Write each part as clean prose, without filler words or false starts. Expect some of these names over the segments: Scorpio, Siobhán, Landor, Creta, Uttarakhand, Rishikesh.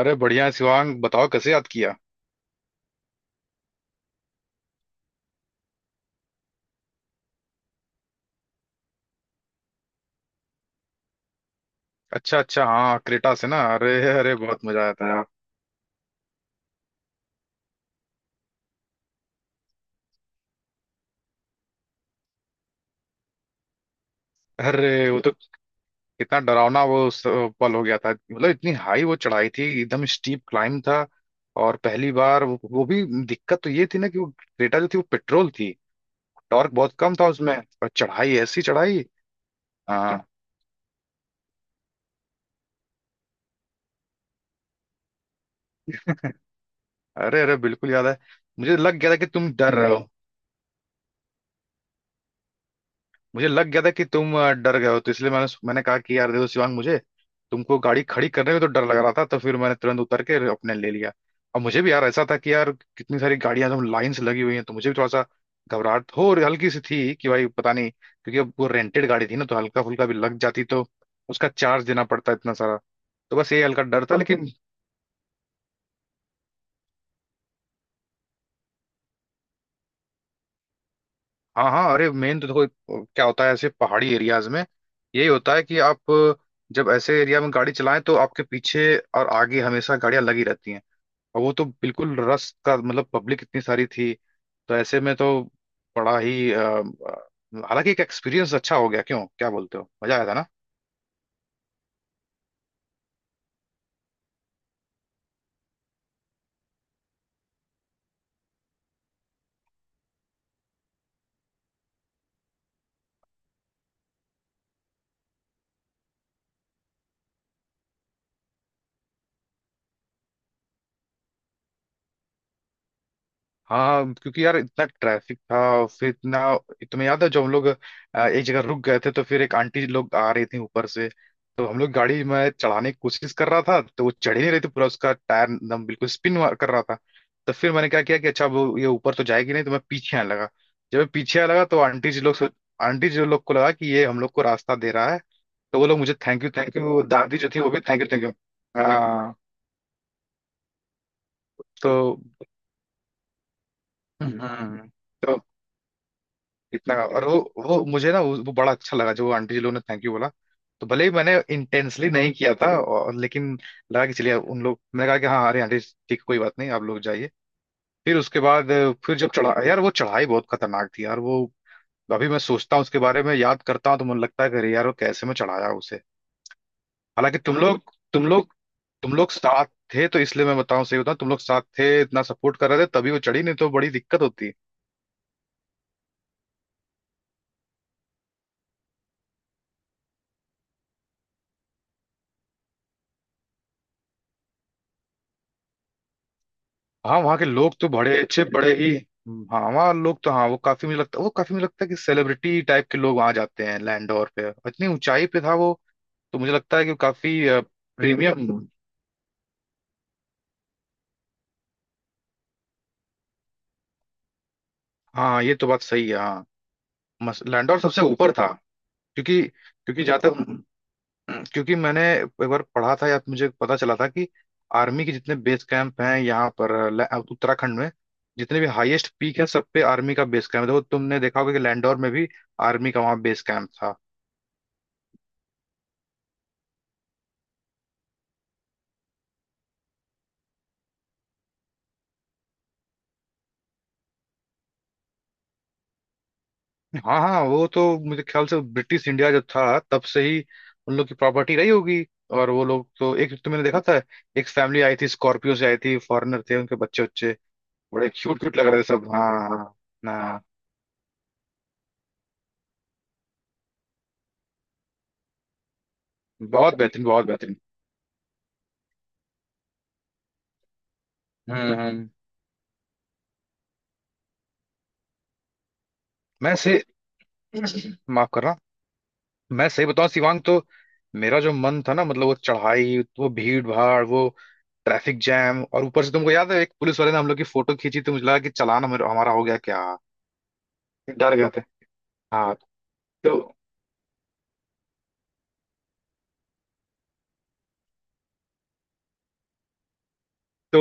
अरे बढ़िया है शिवांग, बताओ कैसे याद किया। अच्छा अच्छा, हाँ, क्रेटा से ना। अरे अरे, बहुत मजा आया था यार। अरे वो तो कितना डरावना वो उस पल हो गया था। मतलब इतनी हाई वो चढ़ाई थी, एकदम स्टीप क्लाइंब था। और पहली बार वो भी दिक्कत तो ये थी ना कि वो क्रेटा जो थी वो पेट्रोल थी। टॉर्क बहुत कम था उसमें, और चढ़ाई ऐसी चढ़ाई। हाँ। अरे अरे, बिल्कुल याद है। मुझे लग गया था कि तुम डर रहे हो। मुझे लग गया था कि तुम डर गए हो, तो इसलिए मैंने मैंने कहा कि यार देखो शिवांग, मुझे तुमको गाड़ी खड़ी करने में तो डर लग रहा था, तो फिर मैंने तुरंत उतर के अपने ले लिया। और मुझे भी यार ऐसा था कि यार कितनी सारी गाड़ियां एकदम लाइन से लगी हुई हैं, तो मुझे भी थोड़ा सा घबराहट हो और हल्की सी थी कि भाई पता नहीं, क्योंकि अब वो रेंटेड गाड़ी थी ना, तो हल्का फुल्का भी लग जाती तो उसका चार्ज देना पड़ता इतना सारा। तो बस ये हल्का डर था, लेकिन हाँ हाँ। अरे मेन तो देखो क्या होता है ऐसे पहाड़ी एरियाज में, यही होता है कि आप जब ऐसे एरिया में गाड़ी चलाएं तो आपके पीछे और आगे हमेशा गाड़ियां लगी रहती हैं। और वो तो बिल्कुल रश का मतलब पब्लिक इतनी सारी थी, तो ऐसे में तो बड़ा ही हालांकि एक एक्सपीरियंस अच्छा हो गया, क्यों, क्या बोलते हो, मजा आया था ना। हाँ क्योंकि यार इतना ट्रैफिक था और फिर इतना तुम्हें याद है जब हम लोग एक जगह रुक गए थे, तो फिर एक आंटी लोग आ रही थी ऊपर से, तो हम लोग गाड़ी में चढ़ाने की कोशिश कर रहा था, तो वो चढ़ ही नहीं रही थी, पूरा उसका टायर एकदम बिल्कुल स्पिन कर रहा था। तो फिर मैंने क्या किया कि अच्छा वो ये ऊपर तो जाएगी नहीं, तो मैं पीछे आने लगा। जब मैं पीछे आने लगा तो आंटी जी लोग को लगा कि ये हम लोग को रास्ता दे रहा है। तो वो लोग मुझे थैंक यू थैंक यू, दादी जो थी वो भी थैंक यू थैंक यू। हाँ तो हम्म, हम्म। इतना और वो मुझे ना वो बड़ा अच्छा लगा जो आंटी जी लोगों ने थैंक यू बोला। तो भले ही मैंने इंटेंसली नहीं किया था और लेकिन लगा कि चलिए उन लोग, मैंने कहा कि हाँ अरे आंटी, ठीक कोई बात नहीं, आप लोग जाइए। फिर उसके बाद फिर जब चढ़ा यार, वो चढ़ाई बहुत खतरनाक थी यार। वो अभी मैं सोचता हूँ उसके बारे में, याद करता हूँ तो मुझे लगता है कि अरे यार वो कैसे मैं चढ़ाया उसे। हालांकि तुम लोग साथ थे, तो इसलिए मैं बताऊं, सही बताऊं, तुम लोग साथ थे, इतना सपोर्ट कर रहे थे, तभी वो चढ़ी, नहीं तो बड़ी दिक्कत होती। हाँ वहाँ के लोग तो बड़े अच्छे बड़े ही। हाँ वहाँ लोग तो, हाँ वो काफी, मुझे लगता है वो काफी, मुझे लगता है कि सेलिब्रिटी टाइप के लोग वहाँ जाते हैं लैंडोर पे, और इतनी ऊंचाई पे था वो, तो मुझे लगता है कि वो काफी प्रीमियम। हाँ ये तो बात सही है, हाँ। लैंडोर सबसे ऊपर था, क्योंकि क्योंकि जहाँ तक क्योंकि मैंने एक बार पढ़ा था या तो मुझे पता चला था कि आर्मी के जितने बेस कैंप हैं यहाँ पर उत्तराखंड में, जितने भी हाईएस्ट पीक है सब पे आर्मी का बेस कैंप है। देखो तुमने देखा होगा कि लैंडोर में भी आर्मी का वहाँ बेस कैंप था। हाँ हाँ, वो तो मुझे ख्याल से ब्रिटिश इंडिया जब था तब से ही उन लोग की प्रॉपर्टी रही होगी। और वो लोग तो, एक तो मैंने देखा था, एक फैमिली आई थी, स्कॉर्पियो से आई थी, फॉरेनर थे, उनके बच्चे बच्चे बड़े क्यूट क्यूट लग रहे थे सब, हाँ हाँ हाँ। बहुत बेहतरीन, बहुत बेहतरीन। हम्म हम्म। मैं से माफ करना। मैं सही बताऊं शिवांग तो, मेरा जो मन था ना, मतलब वो चढ़ाई, वो भीड़ भाड़, वो ट्रैफिक जैम, और ऊपर से तुमको याद है एक पुलिस वाले ने हम लोग की फोटो खींची, तो मुझे लगा कि चालान हमारा हमारा हो गया क्या। डर गए थे हाँ तो। तो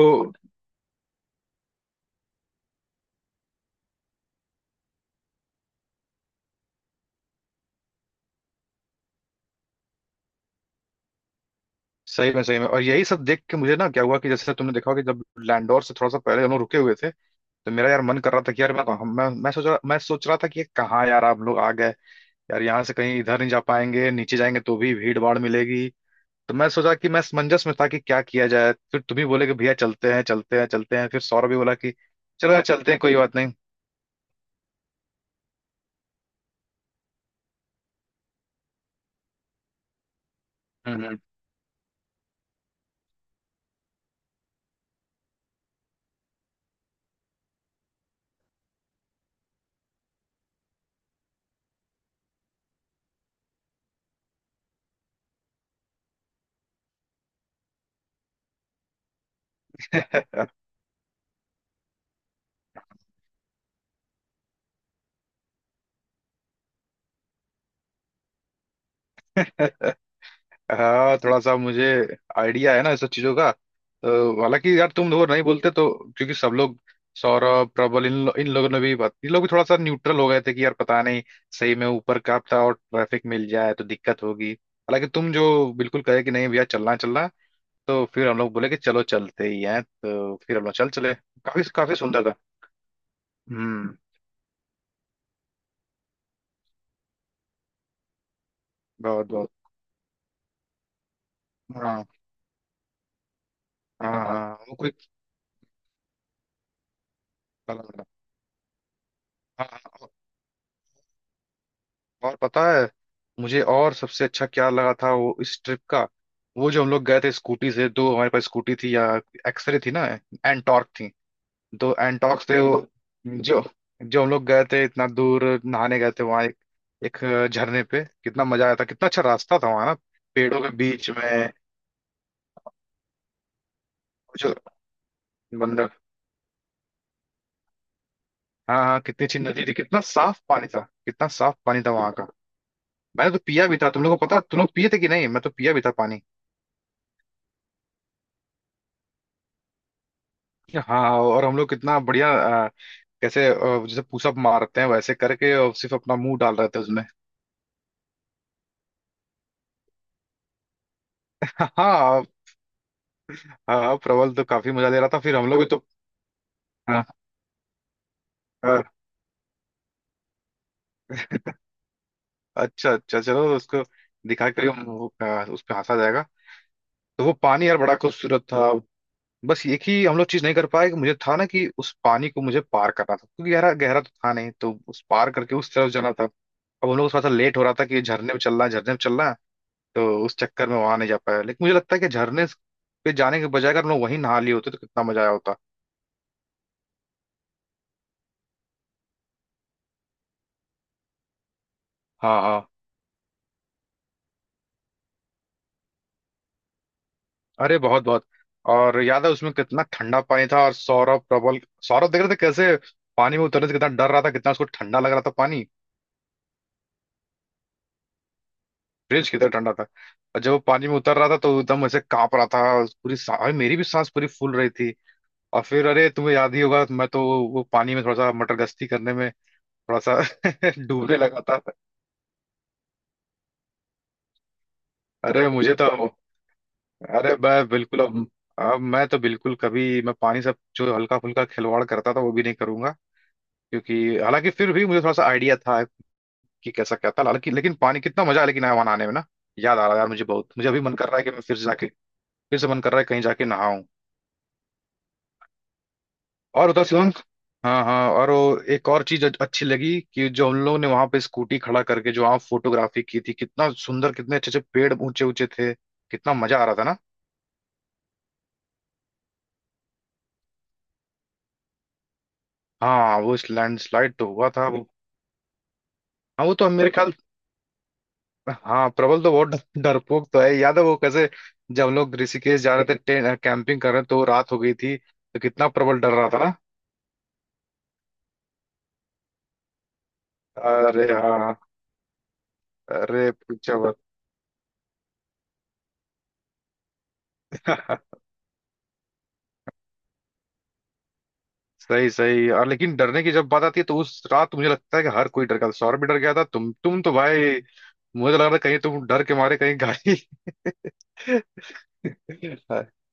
सही में सही में, और यही सब देख के मुझे ना क्या हुआ कि जैसे तुमने देखा होगा कि जब लैंडोर से थोड़ा सा पहले हम लोग रुके हुए थे, तो मेरा यार मन कर रहा था कि यार मैं सोच रहा था कि ये कहाँ यार हम लोग आ गए, यार यहाँ से कहीं इधर नहीं जा पाएंगे, नीचे जाएंगे तो भी भीड़ भाड़ मिलेगी। तो मैं सोचा कि मैं असमंजस में था कि क्या किया जाए, फिर तुम ही बोले कि भैया चलते हैं चलते हैं चलते हैं, फिर सौरभ भी बोला कि चलो यार चलते हैं कोई बात नहीं। हम्म हम्म। हाँ, थोड़ा सा मुझे आइडिया है ना इस सब चीजों का। तो हालांकि यार तुम लोग नहीं बोलते तो, क्योंकि सब लोग, सौरभ प्रबल इन लोगों ने भी बात, इन लोग भी थोड़ा सा न्यूट्रल हो गए थे कि यार पता नहीं सही में ऊपर का था और ट्रैफिक मिल जाए तो दिक्कत होगी। हालांकि तुम जो बिल्कुल कहे कि नहीं भैया चलना चलना, तो फिर हम लोग बोले कि चलो चलते ही हैं, तो फिर हम लोग चल चले। काफी काफी सुंदर था। हम्म। बहुत बहुत। हाँ हाँ, हाँ वो कोई, हाँ हाँ, हाँ। और पता है मुझे, और सबसे अच्छा क्या लगा था वो इस ट्रिप का, वो जो हम लोग गए थे स्कूटी से, दो हमारे पास स्कूटी थी, या एक्सरे थी ना, एंटॉर्क थी, दो एंटॉर्क थे वो, जो जो हम लोग गए थे इतना दूर नहाने गए थे वहां एक एक झरने पे, कितना मजा आया था, कितना अच्छा रास्ता था वहां ना। पेड़ों के बीच में जो बंदर, हाँ हाँ, कितनी अच्छी नदी थी, कितना साफ पानी था। कितना साफ पानी था वहां का। मैंने तो पिया भी था, तुम लोगों को पता, तुम लोग पिए थे कि नहीं, मैं तो पिया भी था पानी। हाँ और हम लोग कितना बढ़िया, कैसे जैसे पुशअप मारते हैं वैसे करके, और सिर्फ अपना मुंह डाल रहे थे उसमें। हाँ हाँ, प्रबल तो काफी मजा ले रहा था, फिर हम लोग भी तो। हाँ, हाँ, अच्छा अच्छा, चलो उसको दिखा के उस पर हंसा जाएगा। तो वो पानी यार बड़ा खूबसूरत था। बस एक ही हम लोग चीज नहीं कर पाए कि मुझे था ना कि उस पानी को मुझे पार करना था, क्योंकि गहरा गहरा तो था नहीं, तो उस पार करके उस तरफ जाना था। अब उन लोग को थोड़ा सा लेट हो रहा था कि झरने में चलना है झरने में चलना है, तो उस चक्कर में वहां नहीं जा पाया। लेकिन मुझे लगता है कि झरने पे जाने के बजाय अगर हम लोग वहीं नहा लिए होते तो कितना मजा आया होता। हाँ हाँ, अरे बहुत बहुत, और याद है उसमें कितना ठंडा पानी था, और सौरभ प्रबल, सौरभ देख रहे थे कैसे पानी में उतरने से कितना डर रहा था, कितना उसको ठंडा लग रहा था पानी। फ्रिज कितना ठंडा था, और जब वो पानी में उतर रहा था तो एकदम ऐसे कांप रहा था। अरे मेरी भी सांस पूरी फूल रही थी। और फिर अरे तुम्हें याद ही होगा, मैं तो वो पानी में थोड़ा सा मटर गश्ती करने में थोड़ा सा डूबने लगा था। अरे मुझे तो, अरे मैं बिल्कुल अब मैं तो बिल्कुल कभी, मैं पानी से जो हल्का फुल्का खिलवाड़ करता था वो भी नहीं करूंगा। क्योंकि हालांकि फिर भी मुझे थोड़ा सा आइडिया था कि कैसा क्या था, हालांकि लेकिन पानी कितना मजा है लेकिन आया वहां नहाने में ना। याद आ रहा है यार, मुझे बहुत, मुझे अभी मन कर रहा है कि मैं फिर से जाके, फिर से मन कर रहा है कहीं जाके नहाऊं। और उधर शिवांग, हाँ हाँ, और वो एक और चीज अच्छी लगी कि जो हम लोगों ने वहां पे स्कूटी खड़ा करके जो वहां फोटोग्राफी की थी, कितना सुंदर, कितने अच्छे अच्छे पेड़ ऊंचे ऊंचे थे, कितना मजा आ रहा था ना। हाँ वो लैंडस्लाइड तो हुआ था वो। हाँ वो तो हम मेरे ख्याल, हाँ प्रबल तो बहुत डरपोक तो है, याद है वो कैसे जब हम लोग ऋषिकेश जा रहे थे कैंपिंग कर रहे थे तो रात हो गई थी तो कितना प्रबल डर रहा था ना। अरे हाँ। अरे पूछो मत। सही सही, और लेकिन डरने की जब बात आती है तो उस रात मुझे लगता है कि हर कोई डर गया था, सौरभ भी डर गया था, तुम तो भाई, मुझे लग रहा था कहीं तुम डर के मारे कहीं गाड़ी।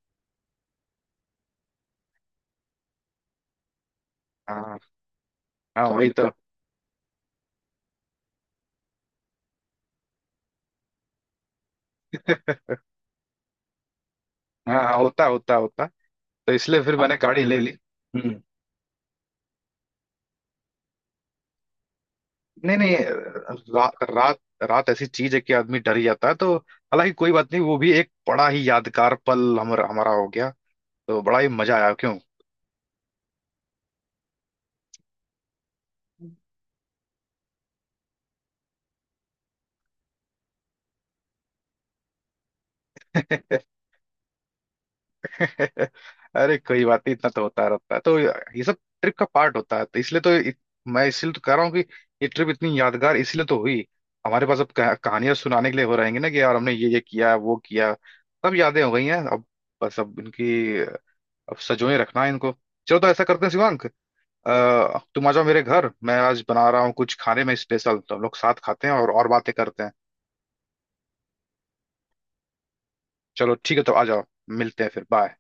हाँ हाँ वही तो। हाँ हाँ, होता होता होता, तो इसलिए फिर मैंने गाड़ी ले ली। हम्म। नहीं नहीं, रात, रात ऐसी चीज है कि आदमी डर ही जाता है। तो हालांकि कोई बात नहीं, वो भी एक बड़ा ही यादगार पल हमारा हो गया। तो बड़ा ही मजा आया, क्यों। अरे कोई बात नहीं, इतना तो होता रहता है, तो ये सब ट्रिप का पार्ट होता है। तो मैं इसलिए तो कह रहा हूँ कि ये ट्रिप इतनी यादगार इसलिए तो हुई। हमारे पास अब कहानियां सुनाने के लिए हो रहेंगे ना कि यार हमने ये किया वो किया। सब यादें हो गई हैं अब, बस अब इनकी, अब सजोए रखना है इनको। चलो तो ऐसा करते हैं शिवांग, तुम आ जाओ मेरे घर, मैं आज बना रहा हूँ कुछ खाने में स्पेशल, तो हम लोग साथ खाते हैं और बातें करते हैं। चलो ठीक है, तो आ जाओ। मिलते हैं फिर, बाय।